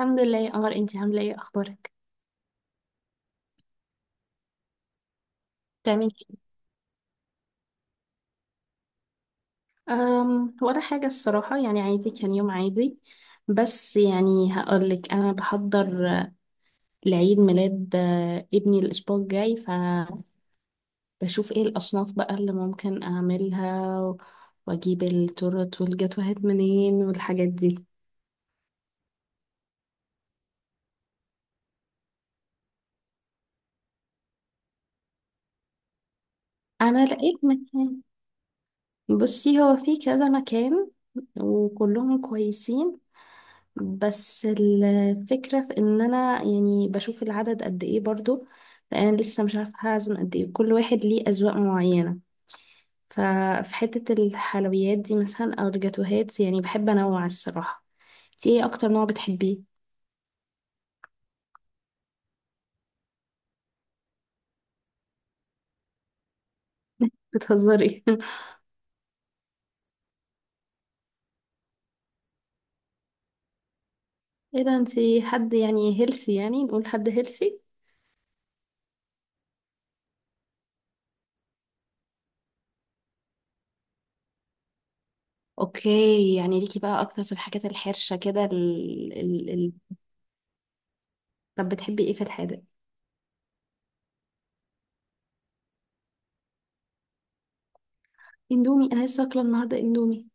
الحمد لله يا قمر، انتي عامله ايه؟ اخبارك؟ بتعملي ايه؟ ولا حاجه الصراحه، يعني عادي، كان يوم عادي. بس يعني هقولك انا بحضر لعيد ميلاد ابني الاسبوع الجاي، فبشوف ايه الاصناف بقى اللي ممكن اعملها واجيب التورت والجاتوهات منين والحاجات دي. انا لقيت مكان، بصي هو في كذا مكان وكلهم كويسين، بس الفكرة في ان انا يعني بشوف العدد قد ايه برضو. فانا لسه مش عارفة هعزم قد ايه، كل واحد ليه اذواق معينة. ففي حتة الحلويات دي مثلا او الجاتوهات يعني بحب انوع الصراحة. انتي ايه اكتر نوع بتحبيه؟ بتهزري؟ ايه ده، انتي حد يعني هيلسي؟ يعني نقول حد هيلسي. اوكي، يعني ليكي بقى اكتر في الحاجات الحرشة كده ال... ال... طب بتحبي ايه في الحادق؟ اندومي؟ انا لسه اكله النهارده اندومي.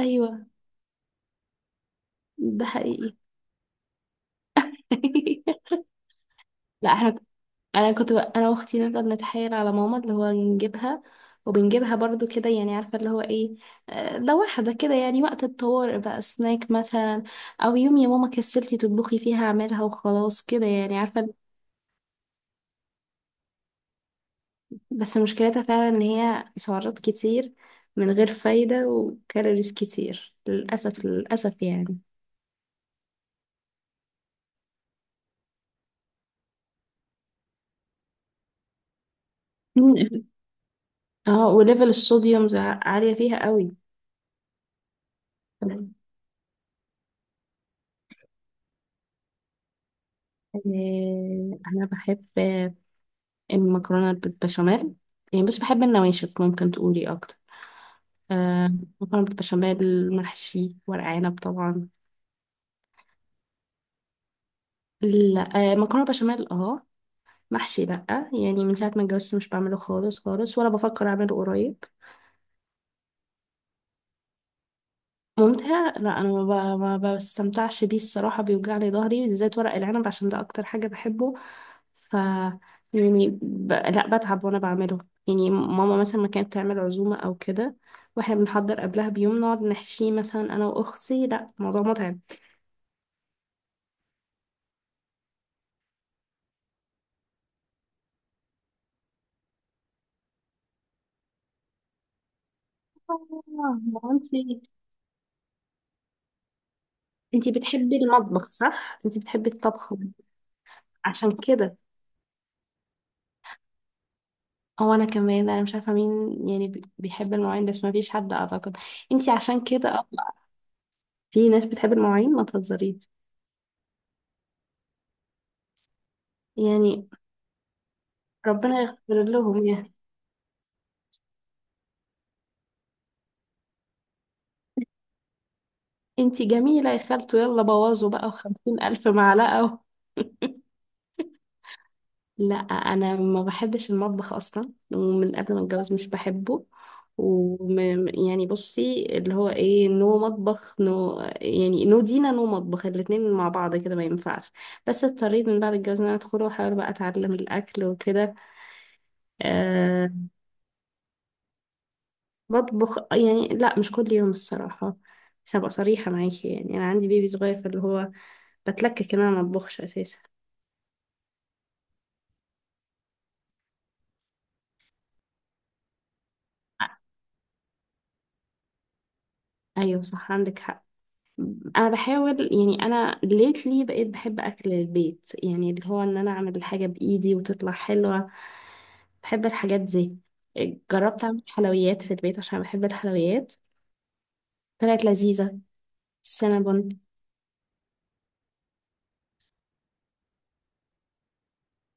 ايوه ده حقيقي. لا احنا، انا كنت بقى انا واختي نفضل نتحايل على ماما اللي هو نجيبها، وبنجيبها برضو كده يعني، عارفة اللي هو ايه، لو واحدة كده يعني وقت الطوارئ بقى سناك مثلا، او يوم يا ماما كسلتي تطبخي فيها اعملها وخلاص كده يعني عارفة. بس مشكلتها فعلا ان هي سعرات كتير من غير فايدة، وكالوريز كتير للأسف للأسف يعني. مم. اه وليفل الصوديوم عالية فيها قوي. آه، انا بحب المكرونة بالبشاميل، يعني مش بحب النواشف. ممكن تقولي أكتر، آه، مكرونة بالبشاميل، محشي ورق عنب طبعا. لا آه مكرونة بشاميل اه، محشي لأ. يعني من ساعة ما اتجوزت مش بعمله خالص خالص ولا بفكر أعمله قريب. ممتع؟ لا أنا ما بستمتعش بيه الصراحة، بيوجعلي ظهري، بالذات ورق العنب عشان ده أكتر حاجة بحبه. ف يعني لا بتعب وانا بعمله. يعني ماما مثلا ما كانت تعمل عزومة او كده واحنا بنحضر قبلها بيوم نقعد نحشيه، مثلا انا واختي، لا الموضوع متعب. ما انتي، انتي بتحبي المطبخ صح؟ انتي بتحبي الطبخ عشان كده. او انا كمان، انا مش عارفة مين يعني بيحب المواعين، بس ما فيش حد اعتقد. انتي عشان كده في ناس بتحب المواعين، ما تهزريش يعني. ربنا يغفر لهم يعني. انتي جميلة يا خالته، يلا بوظوا بقى وخمسين ألف معلقة و... لا أنا ما بحبش المطبخ أصلا، ومن قبل ما أتجوز مش بحبه. وم... يعني بصي اللي هو ايه، نو مطبخ نو، يعني نو دينا نو مطبخ، الاتنين مع بعض كده ما ينفعش. بس اضطريت من بعد الجواز ان انا ادخل واحاول بقى اتعلم الاكل وكده. أه بطبخ يعني، لا مش كل يوم الصراحة. عشان ابقى صريحة معاكي يعني، انا عندي بيبي صغير فاللي هو بتلكك ان انا ما اطبخش اساسا. ايوه صح عندك حق. انا بحاول يعني، انا ليتلي بقيت بحب اكل البيت، يعني اللي هو ان انا اعمل الحاجه بايدي وتطلع حلوه، بحب الحاجات دي. جربت اعمل حلويات في البيت عشان بحب الحلويات، طلعت لذيذه، السينابون.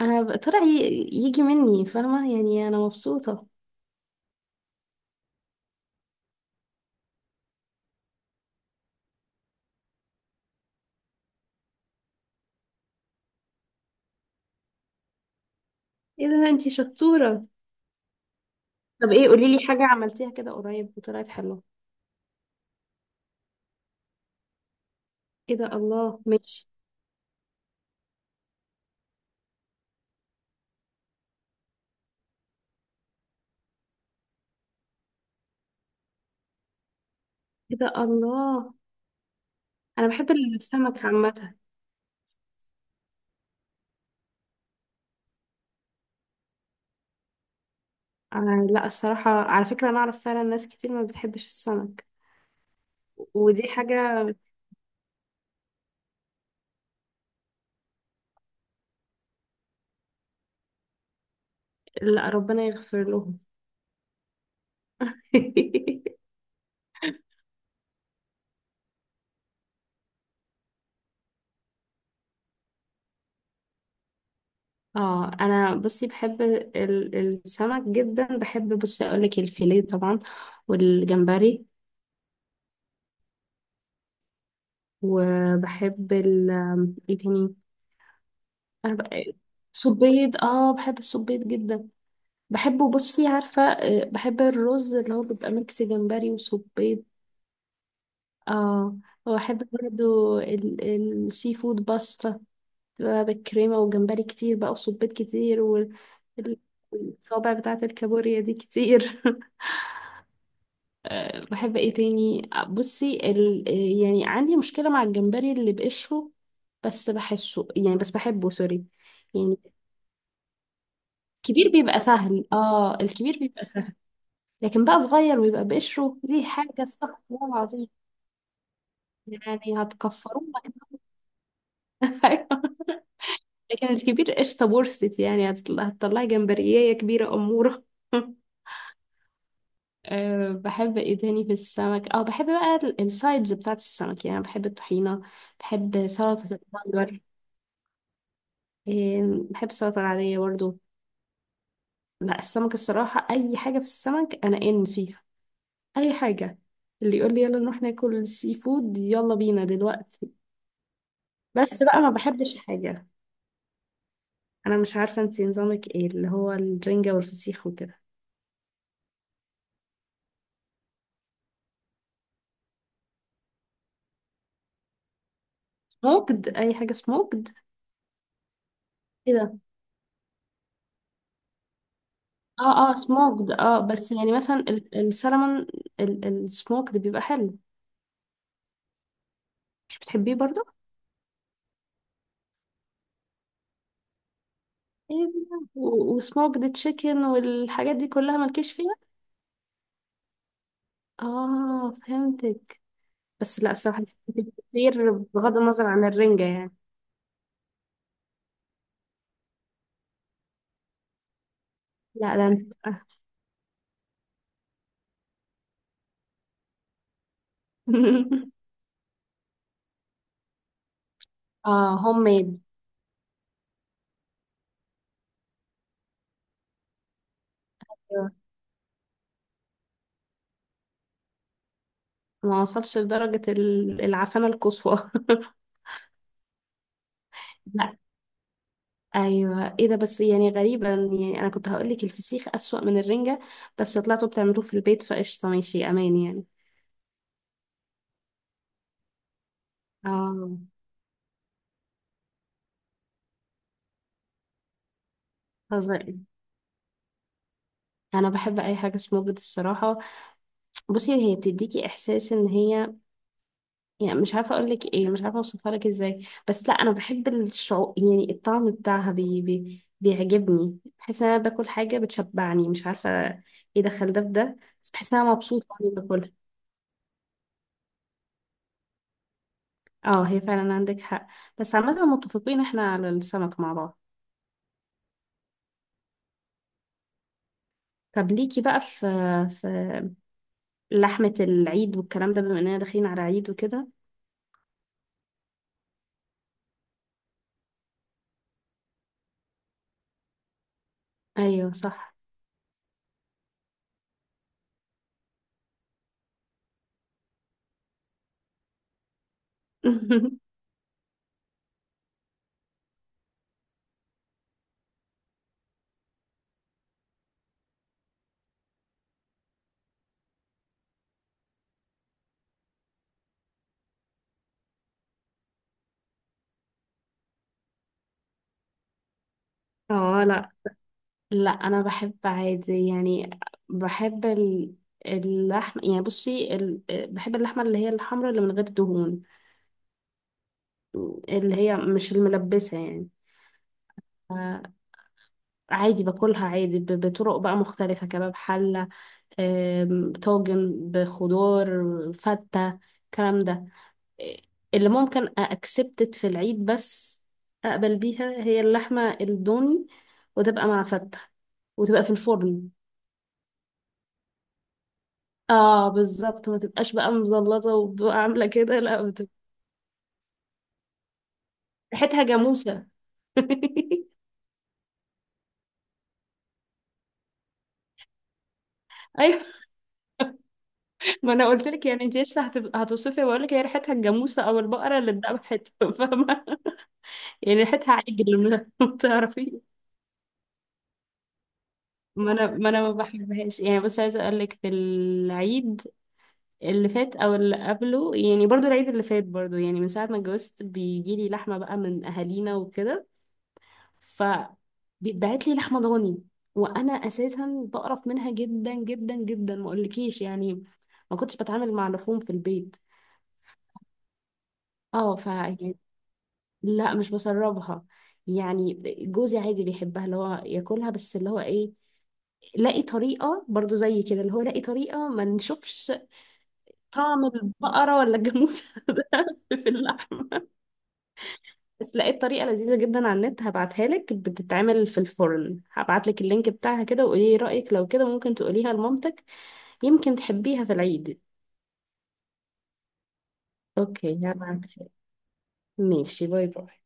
طلع يجي مني فاهمه، يعني انا مبسوطه. ايه ده انتي شطوره. طب ايه، قولي لي حاجه عملتيها كده قريب وطلعت حلوه. ايه ده الله، ماشي. ايه ده الله، انا بحب السمك عامه. آه لا الصراحة على فكرة، أنا أعرف فعلا ناس كتير ما بتحبش السمك. ودي حاجة. لا ربنا يغفر لهم. اه انا بصي بحب السمك جدا. بحب بصي اقول لك الفيليه طبعا، والجمبري، وبحب ال، ايه تاني؟ صبيط، اه بحب الصبيط جدا، بحبه. بصي عارفة، بحب الرز اللي هو بيبقى ميكس جمبري وصبيط. اه وبحب برضو السي فود باستا بقى، بالكريمة وجمبري كتير بقى، وصبيت كتير، والصوابع بتاعة الكابوريا دي كتير. بحب ايه تاني؟ بصي يعني عندي مشكلة مع الجمبري اللي بقشره، بس بحسه يعني، بس بحبه سوري يعني. الكبير بيبقى سهل، اه الكبير بيبقى سهل. لكن بقى صغير ويبقى بقشره، دي حاجة استغفر الله العظيم يعني، هتكفروه. أيوة. لكن الكبير قشطة بورست، يعني هتطلع هتطلعي جمبرية كبيرة أمورة. أه بحب ايه تاني في السمك؟ او بحب بقى السايدز بتاعت السمك، يعني بحب الطحينة، بحب سلطة البندر، بحب السلطة العادية برضو. لا السمك الصراحة اي حاجة في السمك انا ان فيها، اي حاجة. اللي يقول لي يلا نروح ناكل سي فود يلا بينا دلوقتي. بس بقى ما بحبش حاجة. انا مش عارفة انتي نظامك ايه، اللي هو الرنجة والفسيخ وكده. سموكد، اي حاجة سموكد. اه اه سموكد، اه بس يعني مثلا السلمون، السموكد بيبقى حلو. مش بتحبيه برضو؟ ايه، وسموكد تشيكن والحاجات دي كلها مالكيش فيها؟ اه فهمتك. بس لا الصراحة دي فاتتك كتير، بغض النظر عن الرنجة يعني. لا ده انت. اه هوم ميد. ما وصلش لدرجة العفانة القصوى. ايوه ايه ده، بس يعني غريبة، يعني انا كنت هقول لك الفسيخ اسوأ من الرنجة، بس طلعتوا بتعملوه في البيت فقشطة، ماشي امان يعني. اه فظيع. انا بحب اي حاجة سموكد الصراحة. بصي هي بتديكي احساس ان هي، يعني مش عارفة اقول لك ايه، مش عارفة اوصفها لك ازاي، بس لا انا بحب الشعور، يعني الطعم بتاعها بي بي بيعجبني، بحس ان انا باكل حاجة بتشبعني مش عارفة، ايه دخل ده في ده، بس بحس ان انا مبسوطة وانا باكلها. اه هي فعلا عندك حق. بس عامة متفقين احنا على السمك مع بعض. طب ليكي بقى في، في لحمة العيد والكلام ده، بما اننا داخلين على عيد وكده؟ ايوه صح. اه لا لا، انا بحب عادي يعني، بحب اللحم، يعني بصي بحب اللحمة اللي هي الحمراء اللي من غير دهون، اللي هي مش الملبسة يعني. آه، عادي باكلها عادي، بطرق بقى مختلفة، كباب، حلة، طاجن بخضار، فتة، الكلام ده. اللي ممكن أكسبتت في العيد بس أقبل بيها هي اللحمة الضاني، وتبقى مع فتة، وتبقى في الفرن. اه بالظبط، ما تبقاش بقى مزلطة وبتبقى عاملة كده، لا بتبقى، ريحتها جاموسة. ايوه، ما انا قلت لك يعني انت لسه هتبقى هتوصفي، بقول لك هي ريحتها الجاموسة او البقرة اللي اتذبحت، فاهمة يعني، ريحتها عجل ما تعرفي. ما انا ما بحبهاش يعني، بس عايزه اقول لك في العيد اللي فات او اللي قبله يعني، برضو العيد اللي فات برضو، يعني من ساعه ما اتجوزت بيجي لي لحمه بقى من اهالينا وكده. ف بيتبعت لي لحمه ضاني، وانا اساسا بقرف منها جدا جدا جدا ما اقولكيش يعني. ما كنتش بتعامل مع لحوم في البيت. اه ف يعني، لا مش بسربها يعني. جوزي عادي بيحبها اللي هو ياكلها، بس اللي هو ايه، لاقي طريقة برضو زي كده، اللي هو لاقي طريقة ما نشوفش طعم البقرة ولا الجاموسة ده في اللحمة. بس لقيت طريقة لذيذة جدا على النت، هبعتها لك، بتتعمل في الفرن. هبعت لك اللينك بتاعها كده وقولي لي رأيك، لو كده ممكن تقوليها لمامتك يمكن تحبيها في العيد. اوكي هبعتها لك. ماشي، باي باي.